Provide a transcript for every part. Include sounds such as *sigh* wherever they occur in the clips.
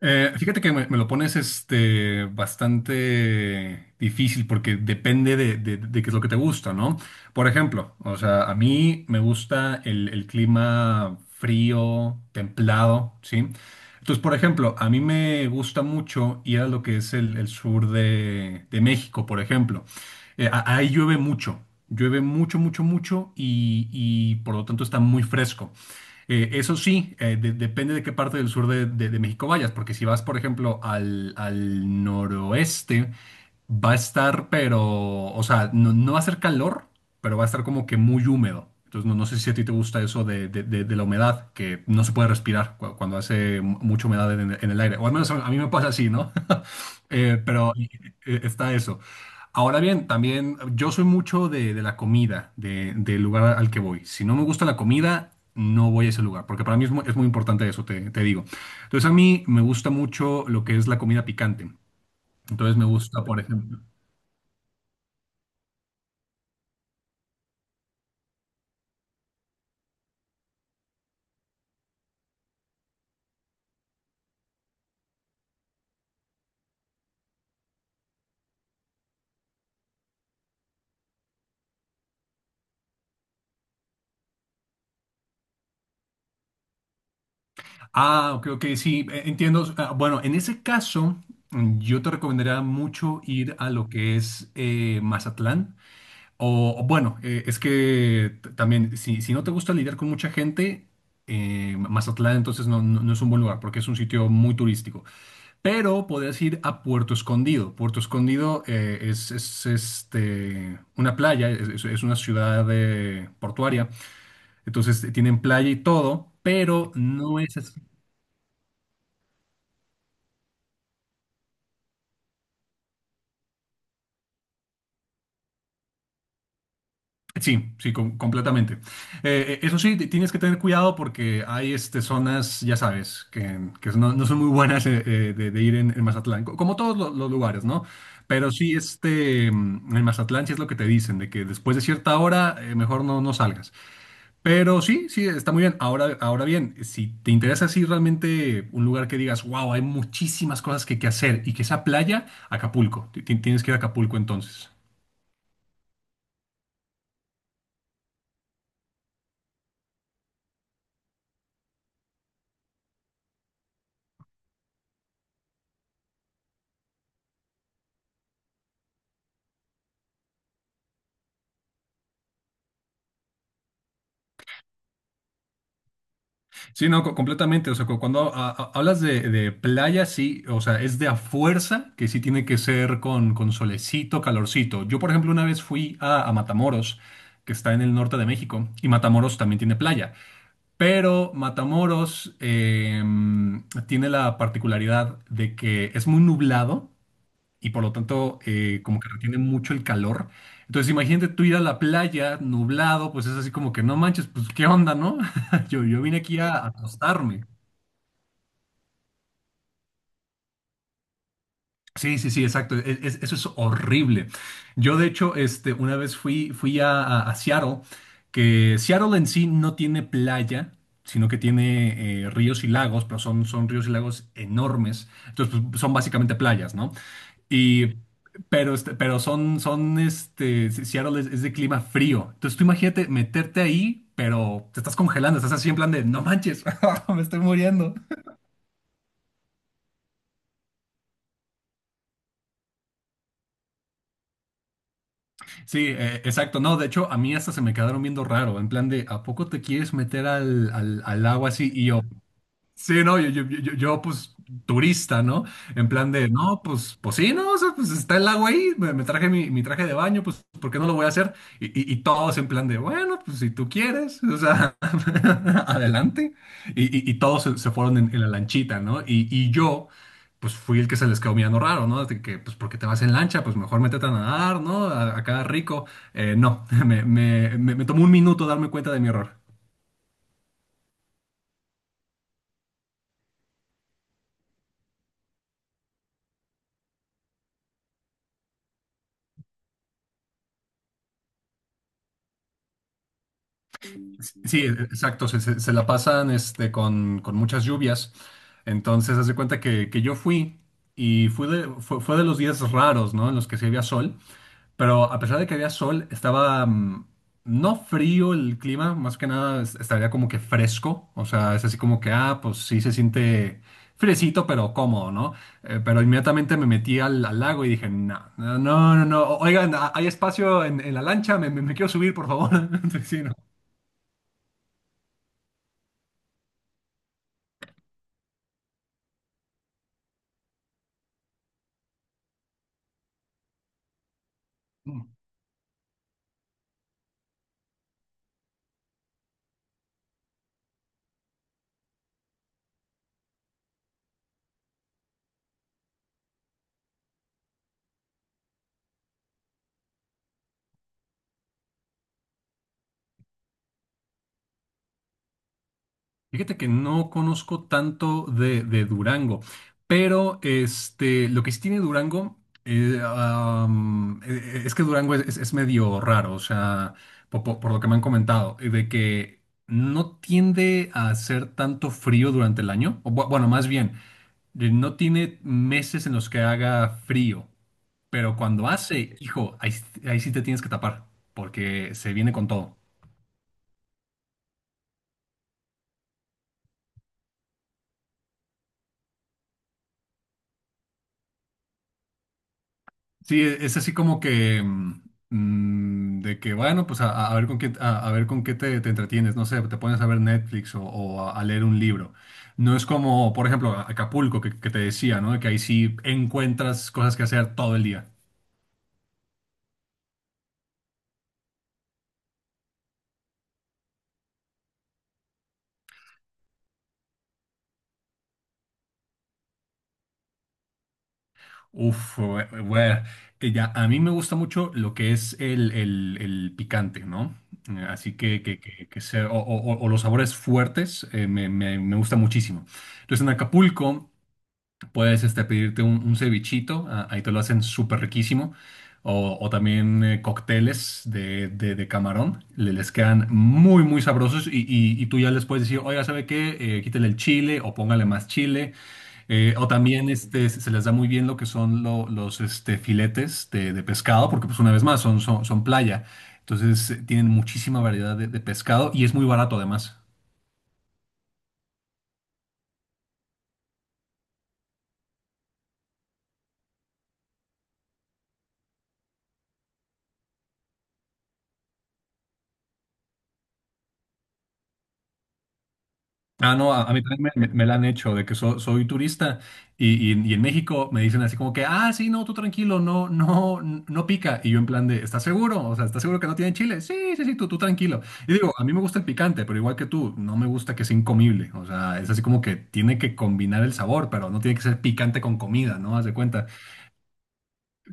Fíjate que me lo pones bastante difícil porque depende de qué es lo que te gusta, ¿no? Por ejemplo, o sea, a mí me gusta el clima frío, templado, ¿sí? Entonces, por ejemplo, a mí me gusta mucho ir a lo que es el sur de México, por ejemplo. Ahí llueve mucho, mucho, mucho y por lo tanto está muy fresco. Eso sí, depende de qué parte del sur de México vayas, porque si vas, por ejemplo, al noroeste, va a estar, pero, o sea, no, no va a ser calor, pero va a estar como que muy húmedo. Entonces, no, no sé si a ti te gusta eso de la humedad, que no se puede respirar cuando hace mucha humedad en el aire. O al menos a mí me pasa así, ¿no? *laughs* Pero está eso. Ahora bien, también yo soy mucho de la comida, del lugar al que voy. Si no me gusta la comida, no voy a ese lugar, porque para mí es muy importante eso, te digo. Entonces a mí me gusta mucho lo que es la comida picante. Entonces me gusta, por ejemplo. Ah, creo que sí, entiendo. Ah, bueno, en ese caso, yo te recomendaría mucho ir a lo que es Mazatlán. O bueno, es que también, si, si no te gusta lidiar con mucha gente, Mazatlán entonces no es un buen lugar porque es un sitio muy turístico. Pero podrías ir a Puerto Escondido. Puerto Escondido es, una playa, es una ciudad portuaria. Entonces tienen playa y todo, pero no es... Sí, sí, completamente. Eso sí, tienes que tener cuidado porque hay este, zonas, ya sabes, que no, no son muy buenas de ir en Mazatlán, como todos los, lugares, ¿no? Pero sí, este, mm, en Mazatlán sí es lo que te dicen, de que después de cierta hora mejor no, no salgas. Pero sí, sí, está muy bien. Ahora, ahora bien, si te interesa así realmente un lugar que digas, wow, hay muchísimas cosas que hacer y que esa playa, Acapulco, tienes que ir a Acapulco entonces. Sí, no, completamente. O sea, cuando hablas de playa, sí, o sea, es de a fuerza que sí tiene que ser con solecito, calorcito. Yo, por ejemplo, una vez fui a Matamoros, que está en el norte de México, y Matamoros también tiene playa. Pero Matamoros tiene la particularidad de que es muy nublado y por lo tanto como que retiene mucho el calor. Entonces imagínate tú ir a la playa nublado, pues es así como que no manches, pues qué onda, ¿no? *laughs* Yo vine aquí a acostarme. Sí, sí, sí, exacto. Eso es horrible. Yo, de hecho, este, una vez fui, fui a Seattle, que Seattle en sí no tiene playa, sino que tiene ríos y lagos, pero son, son ríos y lagos enormes. Entonces, pues, son básicamente playas, ¿no? Y, pero, este, pero son, son, este, Seattle es de clima frío. Entonces, tú imagínate meterte ahí, pero te estás congelando, estás así en plan de, no manches, *laughs* me estoy muriendo. Sí, exacto. No, de hecho, a mí hasta se me quedaron viendo raro, en plan de, ¿a poco te quieres meter al agua así? Y yo, sí, no, yo, pues turista, ¿no? En plan de, no, pues, pues sí, no, o sea, pues está el lago ahí, me traje mi traje de baño, pues, ¿por qué no lo voy a hacer? Y, y todos en plan de, bueno, pues si tú quieres, o sea, *laughs* adelante. Y, y todos se, se fueron en la lanchita, ¿no? Y yo, pues fui el que se les quedó mirando raro, ¿no? De que, pues, ¿por qué te vas en lancha? Pues mejor métete a nadar, ¿no? Acá rico. No, *laughs* me tomó un minuto darme cuenta de mi error. Sí, exacto, se la pasan este, con muchas lluvias. Entonces, haz de cuenta que yo fui y fui fue de los días raros, ¿no? En los que sí había sol, pero a pesar de que había sol, estaba no frío el clima, más que nada estaría como que fresco, o sea, es así como que, ah, pues sí se siente fresito, pero cómodo, ¿no? Pero inmediatamente me metí al lago y dije, no, no, no, no, no, oigan, ¿hay espacio en la lancha? Me quiero subir, por favor. *laughs* Sí, no. Fíjate que no conozco tanto de Durango, pero este, lo que sí tiene Durango es que Durango es, es medio raro, o sea, por, lo que me han comentado, de que no tiende a hacer tanto frío durante el año, o bueno, más bien, no tiene meses en los que haga frío, pero cuando hace, hijo, ahí, ahí sí te tienes que tapar, porque se viene con todo. Sí, es así como que de que bueno, pues a ver con qué a ver con qué te entretienes, no sé, te pones a ver Netflix o, a leer un libro. No es como, por ejemplo, Acapulco que te decía, ¿no? Que ahí sí encuentras cosas que hacer todo el día. Uf, bueno, ya a mí me gusta mucho lo que es el picante, ¿no? Así que, que o los sabores fuertes me gusta muchísimo. Entonces en Acapulco puedes este, pedirte un cevichito, ah, ahí te lo hacen súper riquísimo. O también cócteles de camarón, les quedan muy, muy sabrosos. Y, y tú ya les puedes decir, oiga, ¿sabe qué? Quítele el chile o póngale más chile. O también este, se se les da muy bien lo que son los este, filetes de pescado, porque pues una vez más son, son, son playa. Entonces tienen muchísima variedad de pescado y es muy barato además. Ah, no, a mí también me la han hecho, de que soy turista y, y en México me dicen así como que, ah, sí, no, tú tranquilo, no, no, no pica. Y yo en plan de, ¿estás seguro? O sea, ¿estás seguro que no tiene chile? Sí, sí, sí, tú tranquilo. Y digo, a mí me gusta el picante, pero igual que tú, no me gusta que sea incomible. O sea, es así como que tiene que combinar el sabor, pero no tiene que ser picante con comida, ¿no? Haz de cuenta.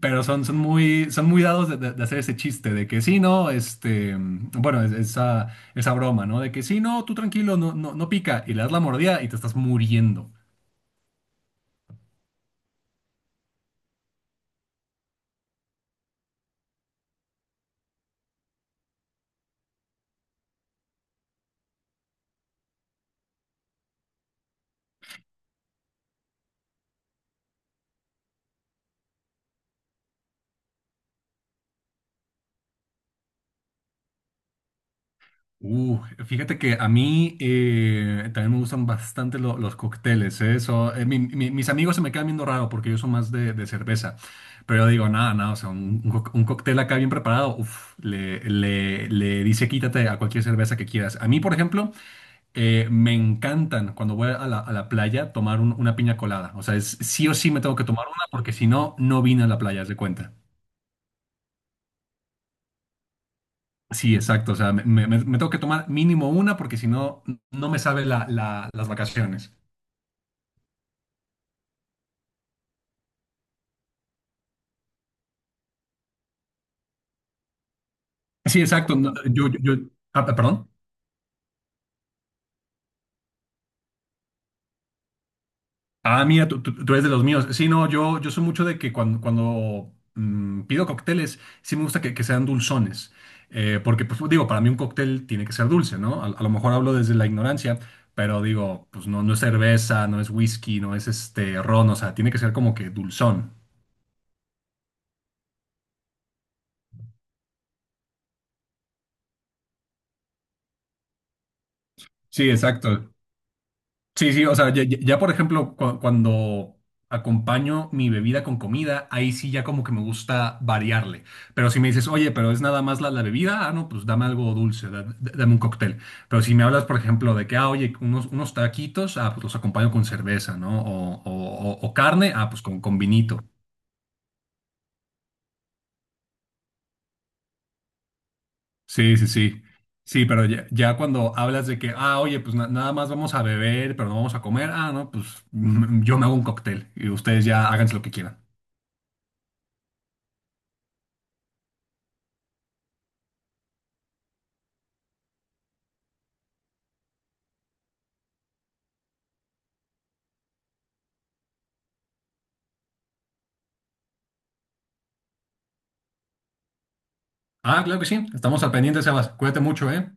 Pero son, son muy dados de hacer ese chiste de que sí, no, este, mm, bueno, esa, esa broma, ¿no? De que sí, no, tú tranquilo, no, no, no pica, y le das la mordida y te estás muriendo. Uh, fíjate que a mí también me gustan bastante los cócteles, ¿eh? So, mis amigos se me quedan viendo raro porque yo soy más de cerveza, pero yo digo, nada, nada, o sea, un, un cóctel acá bien preparado, uf, le dice quítate a cualquier cerveza que quieras. A mí, por ejemplo... me encantan cuando voy a la playa tomar una piña colada. O sea, es, sí o sí me tengo que tomar una porque si no, no vine a la playa, haz de cuenta. Sí, exacto. O sea, me tengo que tomar mínimo una porque si no, no me sabe las vacaciones. Sí, exacto. No, ah, perdón. Ah, mira, tú eres de los míos. Sí, no, yo soy mucho de que cuando, cuando pido cócteles, sí me gusta que sean dulzones. Porque, pues digo, para mí un cóctel tiene que ser dulce, ¿no? A lo mejor hablo desde la ignorancia, pero digo, pues no, no es cerveza, no es whisky, no es este ron, o sea, tiene que ser como que dulzón. Sí, exacto. Sí, sí, o sea, ya, por ejemplo, cuando acompaño mi bebida con comida, ahí sí ya como que me gusta variarle. Pero si me dices, oye, pero es nada más la, la bebida, ah, no, pues dame algo dulce, dame un cóctel. Pero si me hablas, por ejemplo, de que, ah, oye, unos, unos taquitos, ah, pues los acompaño con cerveza, ¿no? O, o carne, ah, pues con vinito. Sí, sí, sí. Sí, pero ya, ya cuando hablas de que, ah, oye, pues nada más vamos a beber, pero no vamos a comer, ah, no, pues mm, yo me hago un cóctel y ustedes ya háganse lo que quieran. Ah, claro que sí. Estamos al pendiente, Sebas. Cuídate mucho, ¿eh?